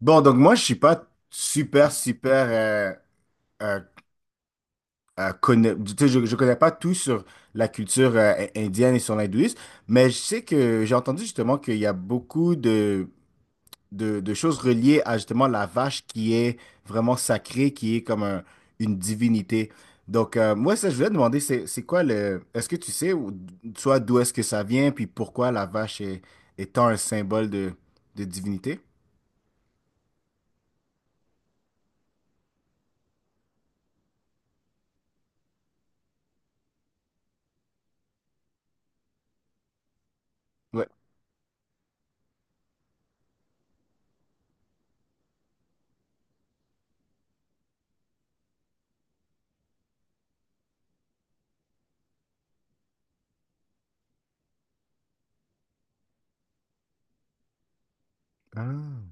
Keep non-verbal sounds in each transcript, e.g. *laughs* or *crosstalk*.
Bon, donc moi, je suis pas euh, tu sais, je connais pas tout sur la culture indienne et sur l'hindouisme, mais je sais que j'ai entendu justement qu'il y a beaucoup de choses reliées à justement la vache qui est vraiment sacrée, qui est comme une divinité. Donc, moi, ça, je voulais te demander, c'est quoi le... Est-ce que tu sais, soit d'où est-ce que ça vient, puis pourquoi la vache est tant un symbole de divinité? Ouais. Ah.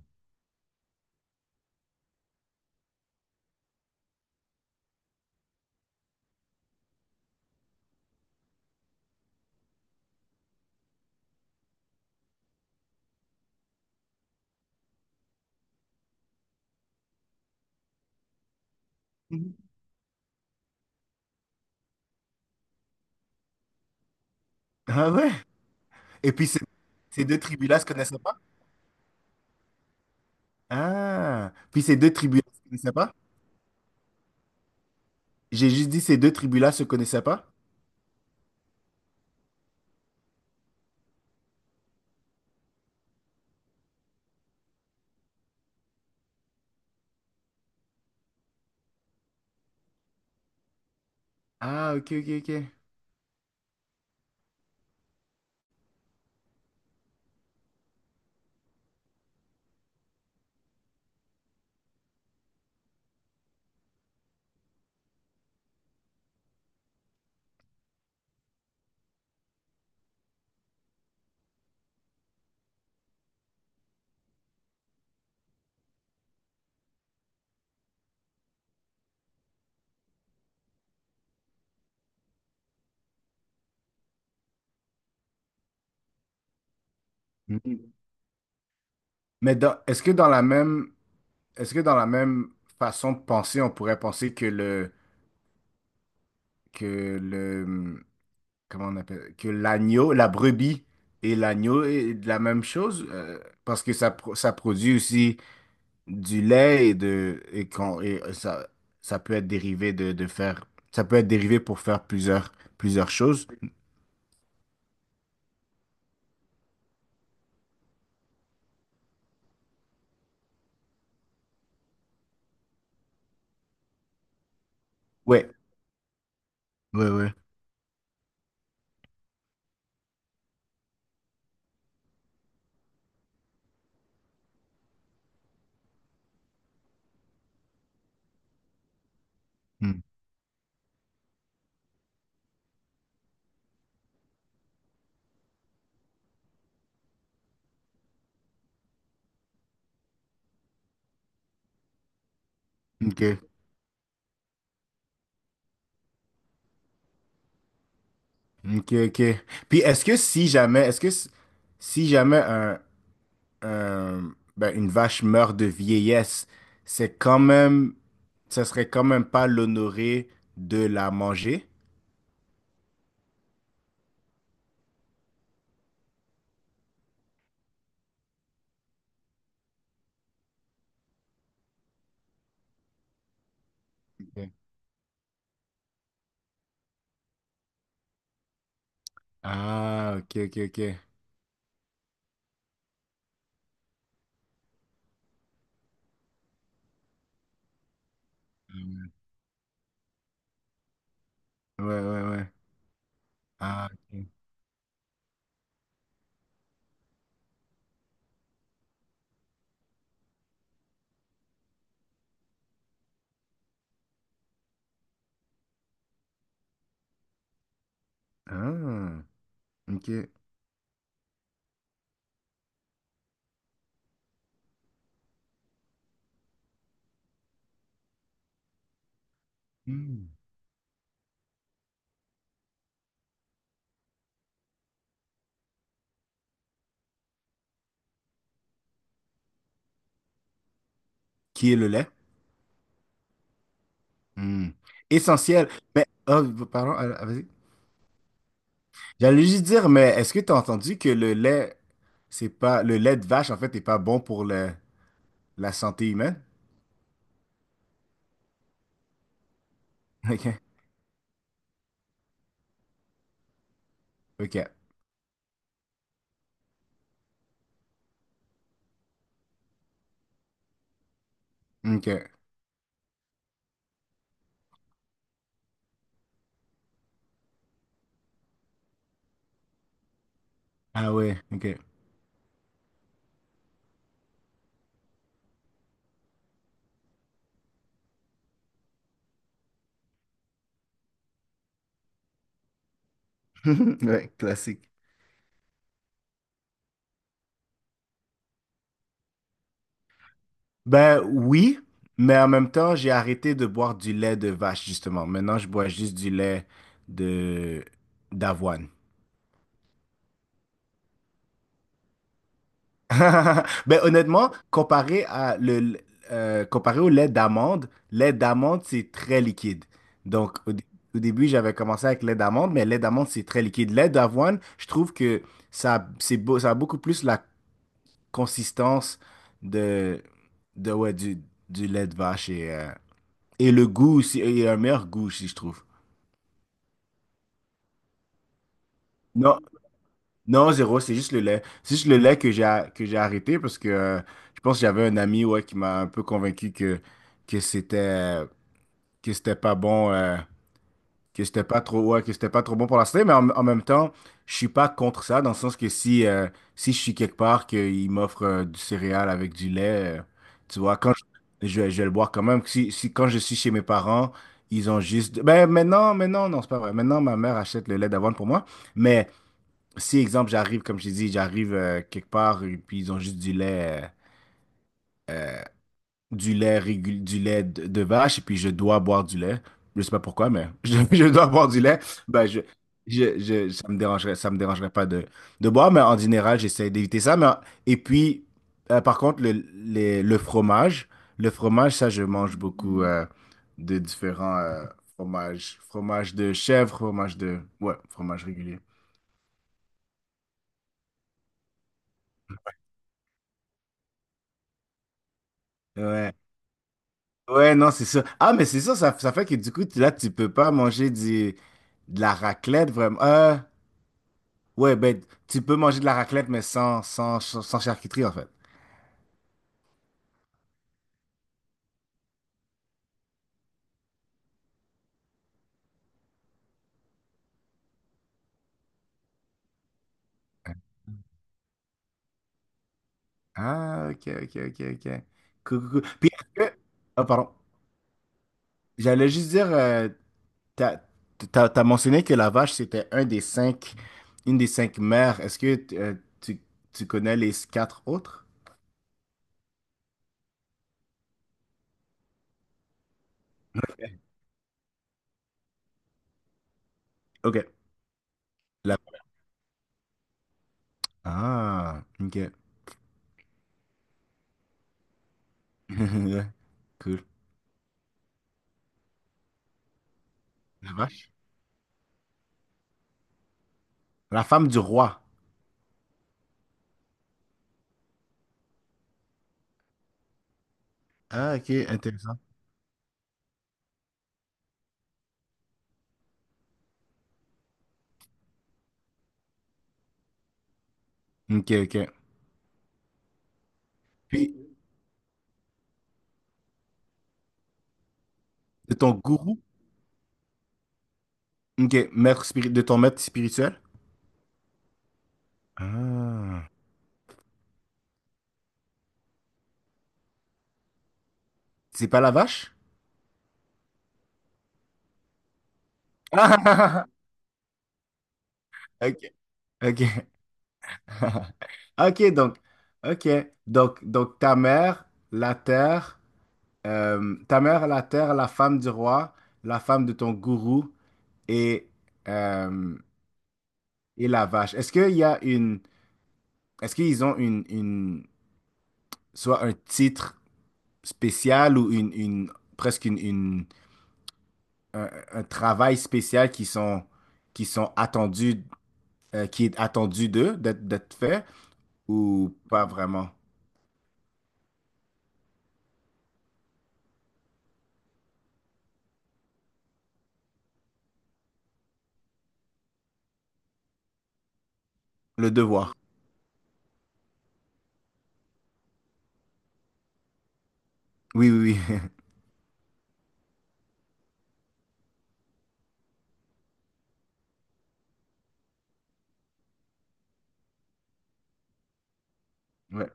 Ah ouais? Et puis ces deux tribus-là se connaissaient pas? Ah, puis ces deux tribus-là se connaissaient pas? J'ai juste dit ces deux tribus-là se connaissaient pas? Ah, ok, ok, ok. Mhm. Mais est-ce que dans la même, est-ce que dans la même façon de penser, on pourrait penser que le, comment on appelle, que l'agneau, la brebis et l'agneau est de la même chose? Parce que ça, ça produit aussi du lait et de et quand et ça ça peut être dérivé de faire ça peut être dérivé pour faire plusieurs choses. Ouais, ouais, ouais. Hmm. Ok, ok, ok. Puis est-ce que si jamais une vache meurt de vieillesse, c'est quand même ça serait quand même pas l'honoré de la manger? Ok. Ah, ok, ok, ok. Hmm. Ouais, ouais, ouais. Ah, ok. Ah, ok. Hmm. Qui est le lait? Hmm. Essentiel. Mais, oh, pardon, ah, ah, vas-y. J'allais juste dire, mais est-ce que tu as entendu que le lait de vache, en fait, n'est pas bon pour la santé humaine? *laughs* Ok, ok, ok. Ah ouais, ok. *laughs* Ouais, classique. Ben oui, mais en même temps, j'ai arrêté de boire du lait de vache, justement. Maintenant, je bois juste du lait de d'avoine. *laughs* Ben, honnêtement, comparé à le- comparé au lait d'amande, c'est très liquide. Donc, au début, j'avais commencé avec lait d'amande, mais lait d'amande, c'est très liquide. Lait d'avoine, je trouve que ça a beaucoup plus la consistance de, de ouais, du, du lait de vache et, le goût aussi, et un meilleur goût aussi, je trouve. Non, zéro, c'est juste le lait. C'est juste le lait que j'ai arrêté parce que je pense que j'avais un ami ouais, qui m'a un peu convaincu que c'était euh, que c'était pas bon, que c'était pas trop bon pour la santé, mais en même temps, je suis pas contre ça, dans le sens que si je suis quelque part qu'il m'offre du céréal avec du lait, tu vois, quand je vais le boire quand même. Si quand je suis chez mes parents, ils ont juste. Ben maintenant, non, c'est pas vrai. Maintenant, ma mère achète le lait d'avoine pour moi. Mais si, exemple, j'arrive, comme je t'ai dit, j'arrive quelque part et puis ils ont juste du lait, du lait de vache et puis je dois boire du lait. Je sais pas pourquoi, mais *laughs* je dois boire du lait. Ben, ça me dérangerait pas de, de boire, mais en général, j'essaie d'éviter ça. Mais, puis, par contre, le fromage, ça, je mange beaucoup de différents fromages. Fromage de chèvre, fromage de... Ouais, fromage régulier. Ouais. Ouais, non, c'est ça. Ah, mais c'est ça, ça fait que du coup, là, tu peux pas manger de la raclette, vraiment. Ouais, ben, tu peux manger de la raclette, mais sans charcuterie, en fait. Ah, ok, ok, ok, ok. Cool, cool, cool. Puis, est-ce que... Ah, pardon. J'allais juste dire, t'as, t'as mentionné que la vache, c'était une des cinq mères. Est-ce que tu, tu connais les quatre autres? Ok. Ok. La... Ah, ok. *laughs* Ouais, cool. La vache? La femme du roi. Ah, ok, intéressant. Ok, ok. Puis, de ton gourou, ok, de ton maître spirituel. Ah, c'est pas la vache? Ah, *laughs* ok, ok. *laughs* Ok, donc, ok. Donc, ta mère, la terre, la femme du roi, la femme de ton gourou et, euh, et la vache. Est-ce qu'il y a une, est-ce qu'ils ont une, soit un titre spéciales ou une presque une- un travail spécial qui sont attendus, qui est attendu d'eux, d'être fait, ou pas vraiment? Le devoir. Oui, oui, oui. *laughs* Ouais.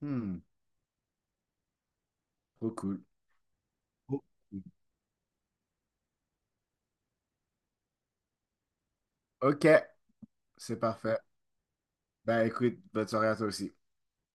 Hmm, trop cool. Ok, c'est parfait. Ben écoute, bonne soirée à toi aussi.